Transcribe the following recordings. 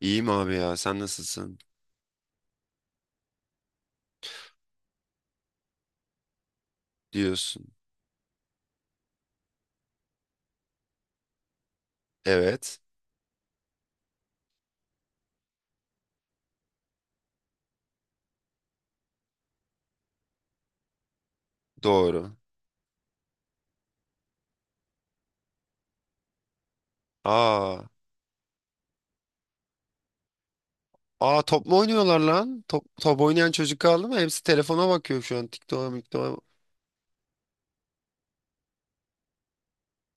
İyiyim abi ya sen nasılsın diyorsun. Evet, doğru. Aa, aa, top mu oynuyorlar lan? Top, top oynayan çocuk kaldı mı? Hepsi telefona bakıyor şu an. TikTok'a miktoğa.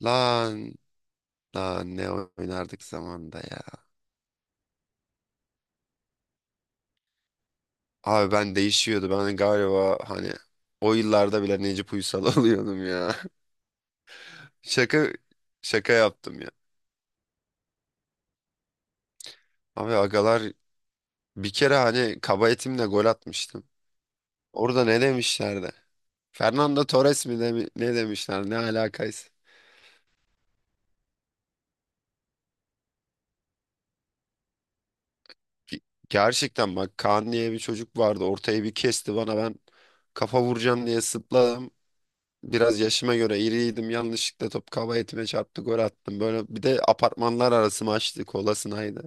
Lan lan ne oynardık zamanda ya. Abi ben değişiyordu. Ben galiba hani o yıllarda bile Necip Uysal oluyordum ya. Şaka şaka yaptım ya. Abi agalar bir kere hani kaba etimle gol atmıştım. Orada ne demişlerdi? Fernando Torres mi demi- ne demişler ne alakaysa. Ge- Gerçekten bak, Kaan diye bir çocuk vardı. Ortaya bir kesti bana, ben kafa vuracağım diye zıpladım. Biraz yaşıma göre iriydim. Yanlışlıkla top kaba etime çarptı, gol attım. Böyle bir de apartmanlar arası maçtı. Kolasınaydı.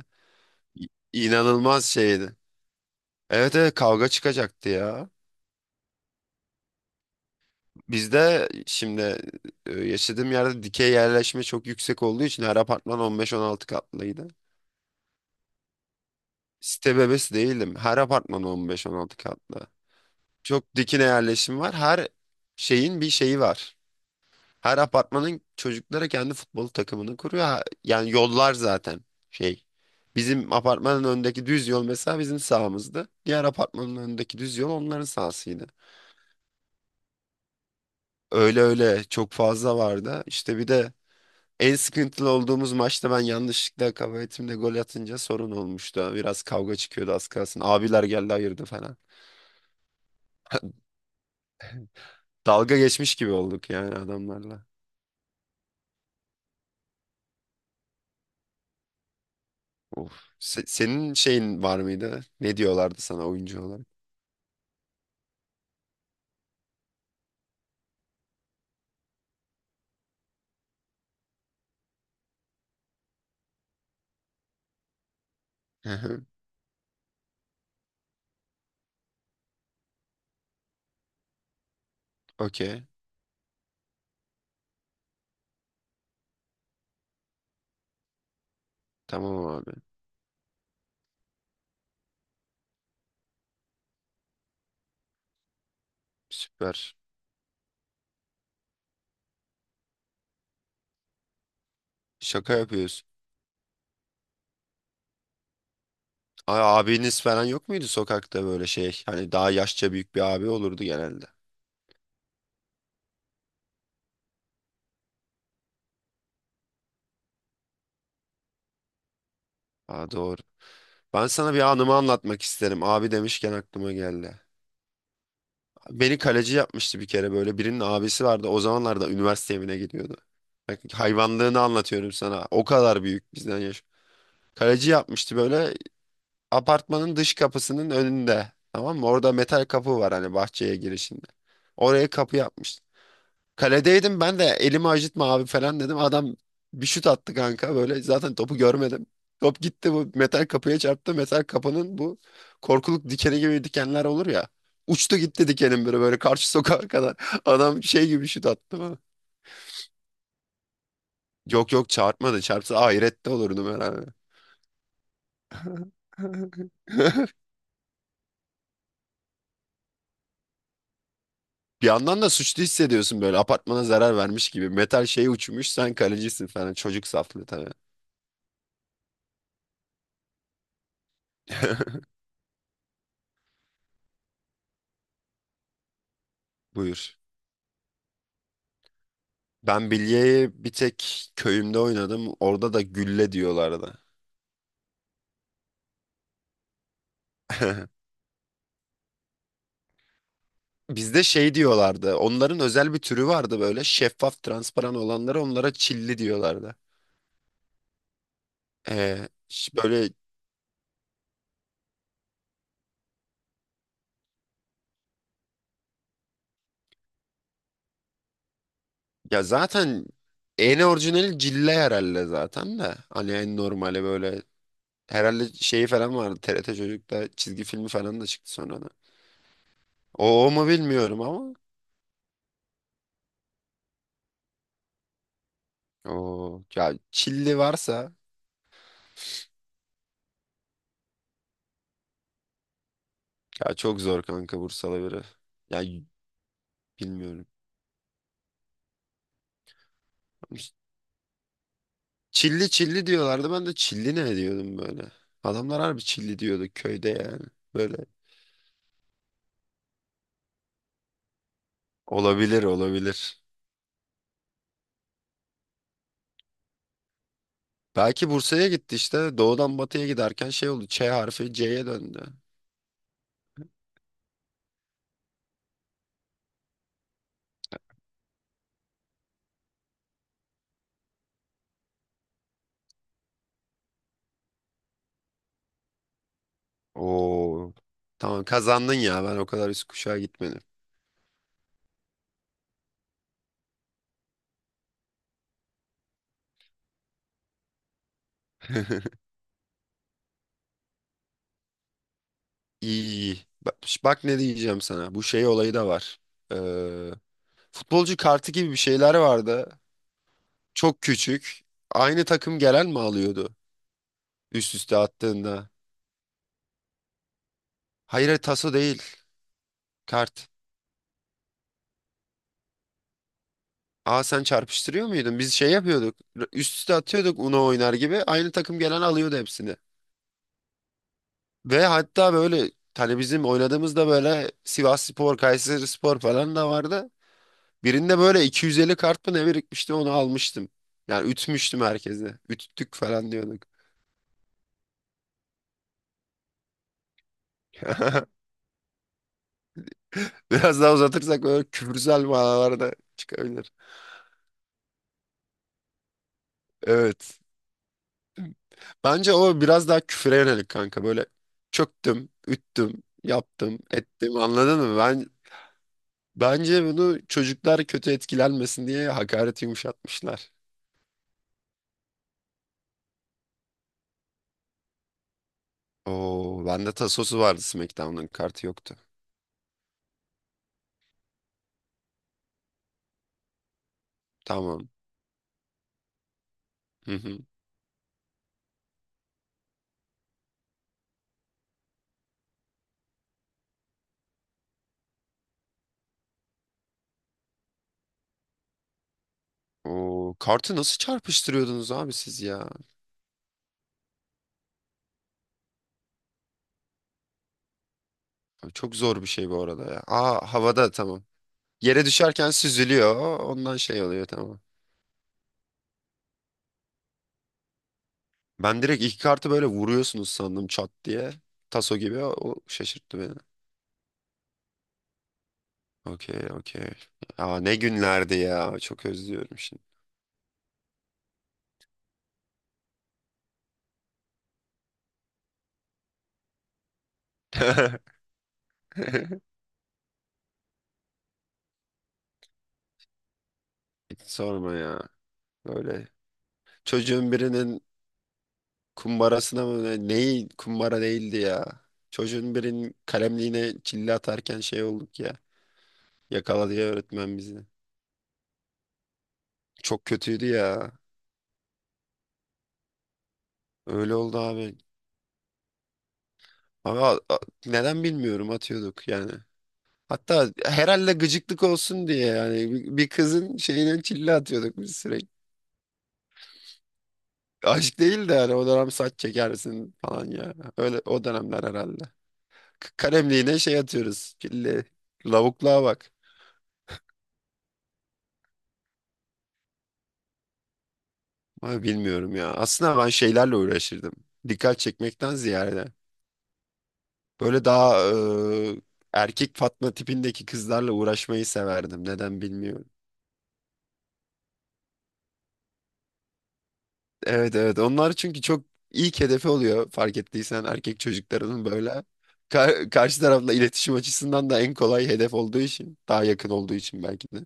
İ- İnanılmaz şeydi. Evet, evet, kavga çıkacaktı ya. Bizde şimdi yaşadığım yerde dikey yerleşme çok yüksek olduğu için her apartman 15-16 katlıydı. Site bebesi değildim. Her apartman 15-16 katlı. Çok dikine yerleşim var. Her şeyin bir şeyi var. Her apartmanın çocuklara kendi futbol takımını kuruyor. Yani yollar zaten şey. Bizim apartmanın önündeki düz yol mesela bizim sahamızdı. Diğer apartmanın önündeki düz yol onların sahasıydı. Öyle öyle çok fazla vardı. İşte bir de en sıkıntılı olduğumuz maçta ben yanlışlıkla kaba etimle gol atınca sorun olmuştu. Biraz kavga çıkıyordu az kalsın. Abiler geldi, ayırdı falan. Dalga geçmiş gibi olduk yani adamlarla. Of. Senin şeyin var mıydı? Ne diyorlardı sana oyuncu olarak? Hı hı. Okey. Tamam abi. Süper. Şaka yapıyorsun. Ay, abiniz falan yok muydu sokakta böyle şey? Hani daha yaşça büyük bir abi olurdu genelde. Aa, doğru. Ben sana bir anımı anlatmak isterim. Abi demişken aklıma geldi. Beni kaleci yapmıştı bir kere böyle. Birinin abisi vardı. O zamanlarda üniversite evine gidiyordu. Bak, hayvanlığını anlatıyorum sana. O kadar büyük bizden yaş. Kaleci yapmıştı böyle. Apartmanın dış kapısının önünde. Tamam mı? Orada metal kapı var hani, bahçeye girişinde. Oraya kapı yapmış. Kaledeydim, ben de elimi acıtma abi falan dedim. Adam bir şut attı kanka, böyle zaten topu görmedim. Top gitti, bu metal kapıya çarptı. Metal kapının bu korkuluk dikeni gibi dikenler olur ya. Uçtu gitti dikenin, böyle böyle karşı sokağa kadar. Adam şey gibi şut attı bana. Yok, yok, çarpmadı. Çarpsa ahirette olurdum herhalde. Bir yandan da suçlu hissediyorsun, böyle apartmana zarar vermiş gibi. Metal şey uçmuş, sen kalecisin falan. Çocuk saflığı tabii. Buyur. Ben bilyeyi bir tek köyümde oynadım. Orada da gülle diyorlardı. Bizde şey diyorlardı. Onların özel bir türü vardı böyle. Şeffaf, transparan olanlara, onlara çilli diyorlardı. Böyle ya zaten en orijinali cille herhalde zaten de. Hani en normali böyle. Herhalde şeyi falan vardı. TRT Çocuk'ta çizgi filmi falan da çıktı sonra. O mu bilmiyorum ama. O ya, çilli varsa ya çok zor kanka Bursalı biri. Ya bilmiyorum. Çilli çilli diyorlardı. Ben de çilli ne diyordum böyle. Adamlar harbi çilli diyordu köyde yani. Böyle olabilir, olabilir. Belki Bursa'ya gitti işte. Doğudan batıya giderken şey oldu. Ç harfi C'ye döndü. Oo. Tamam, kazandın ya. Ben o kadar üst kuşağa gitmedim. İyi, iyi. Bak, bak ne diyeceğim sana. Bu şey olayı da var. Ee, Futbolcu kartı gibi bir şeyler vardı. Çok küçük. Aynı takım gelen mi alıyordu üst üste attığında? Hayır, hayır, taso değil. Kart. Aa, sen çarpıştırıyor muydun? Biz şey yapıyorduk. Üst üste atıyorduk, Uno oynar gibi. Aynı takım gelen alıyordu hepsini. Ve hatta böyle hani bizim oynadığımızda böyle Sivasspor, Kayserispor falan da vardı. Birinde böyle 250 kart mı ne birikmişti, onu almıştım. Yani ütmüştüm herkese. Üttük falan diyorduk. Biraz daha uzatırsak böyle küfürsel manalar da çıkabilir. Evet. Bence o biraz daha küfüre yönelik kanka. Böyle çöktüm, üttüm, yaptım, ettim, anladın mı? Bence bunu çocuklar kötü etkilenmesin diye hakareti yumuşatmışlar. Oo, bende tasosu vardı, SmackDown'un kartı yoktu. Tamam. Hı hı. Oo, kartı nasıl çarpıştırıyordunuz abi siz ya? Abi, çok zor bir şey bu arada ya. Aa, havada tamam. Yere düşerken süzülüyor. Ondan şey oluyor, tamam. Ben direkt iki kartı böyle vuruyorsunuz sandım, çat diye. Taso gibi, o şaşırttı beni. Okey, okey. Ya ne günlerdi ya. Çok özlüyorum şimdi. Hiç sorma ya. Böyle çocuğun birinin kumbarasına mı ne- neyi, kumbara değildi ya. Çocuğun birinin kalemliğine çille atarken şey olduk ya. Yakaladı ya öğretmen bizi. Çok kötüydü ya. Öyle oldu abi. Ama neden bilmiyorum, atıyorduk yani. Hatta herhalde gıcıklık olsun diye yani bir kızın şeyine çille atıyorduk biz sürekli. Aşk değil de hani o dönem saç çekersin falan ya. Öyle o dönemler herhalde. Kalemliğine şey atıyoruz. Çille. Lavukluğa bak. Ama bilmiyorum ya. Aslında ben şeylerle uğraşırdım. Dikkat çekmekten ziyade. Böyle daha e, erkek Fatma tipindeki kızlarla uğraşmayı severdim. Neden bilmiyorum. Evet, evet, onlar çünkü çok ilk hedefi oluyor fark ettiysen, erkek çocuklarının böyle. Karşı tarafla iletişim açısından da en kolay hedef olduğu için, daha yakın olduğu için belki de.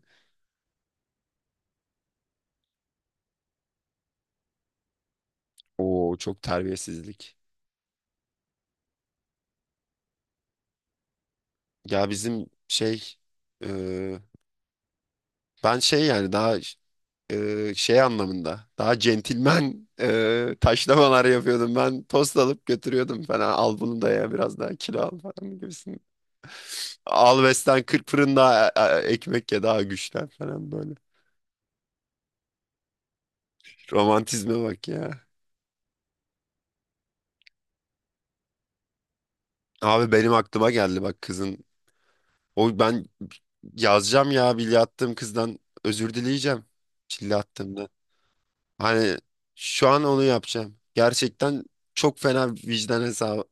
Oo, çok terbiyesizlik. Ya bizim şey e, ben şey yani daha şey anlamında daha centilmen taşlamalar yapıyordum. Ben tost alıp götürüyordum falan, al bunu da ya, biraz daha kilo al falan gibisin. Al besten 40 fırında ekmek ye daha güçlen falan. Romantizme bak ya. Abi benim aklıma geldi bak kızın. O ben yazacağım ya, bilye attığım kızdan özür dileyeceğim. Çille attığımda. Hani şu an onu yapacağım. Gerçekten çok fena vicdan hesabı,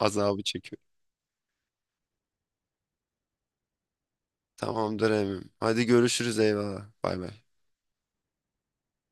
azabı çekiyor. Tamamdır Emim. Hadi görüşürüz, eyvallah. Bay bay.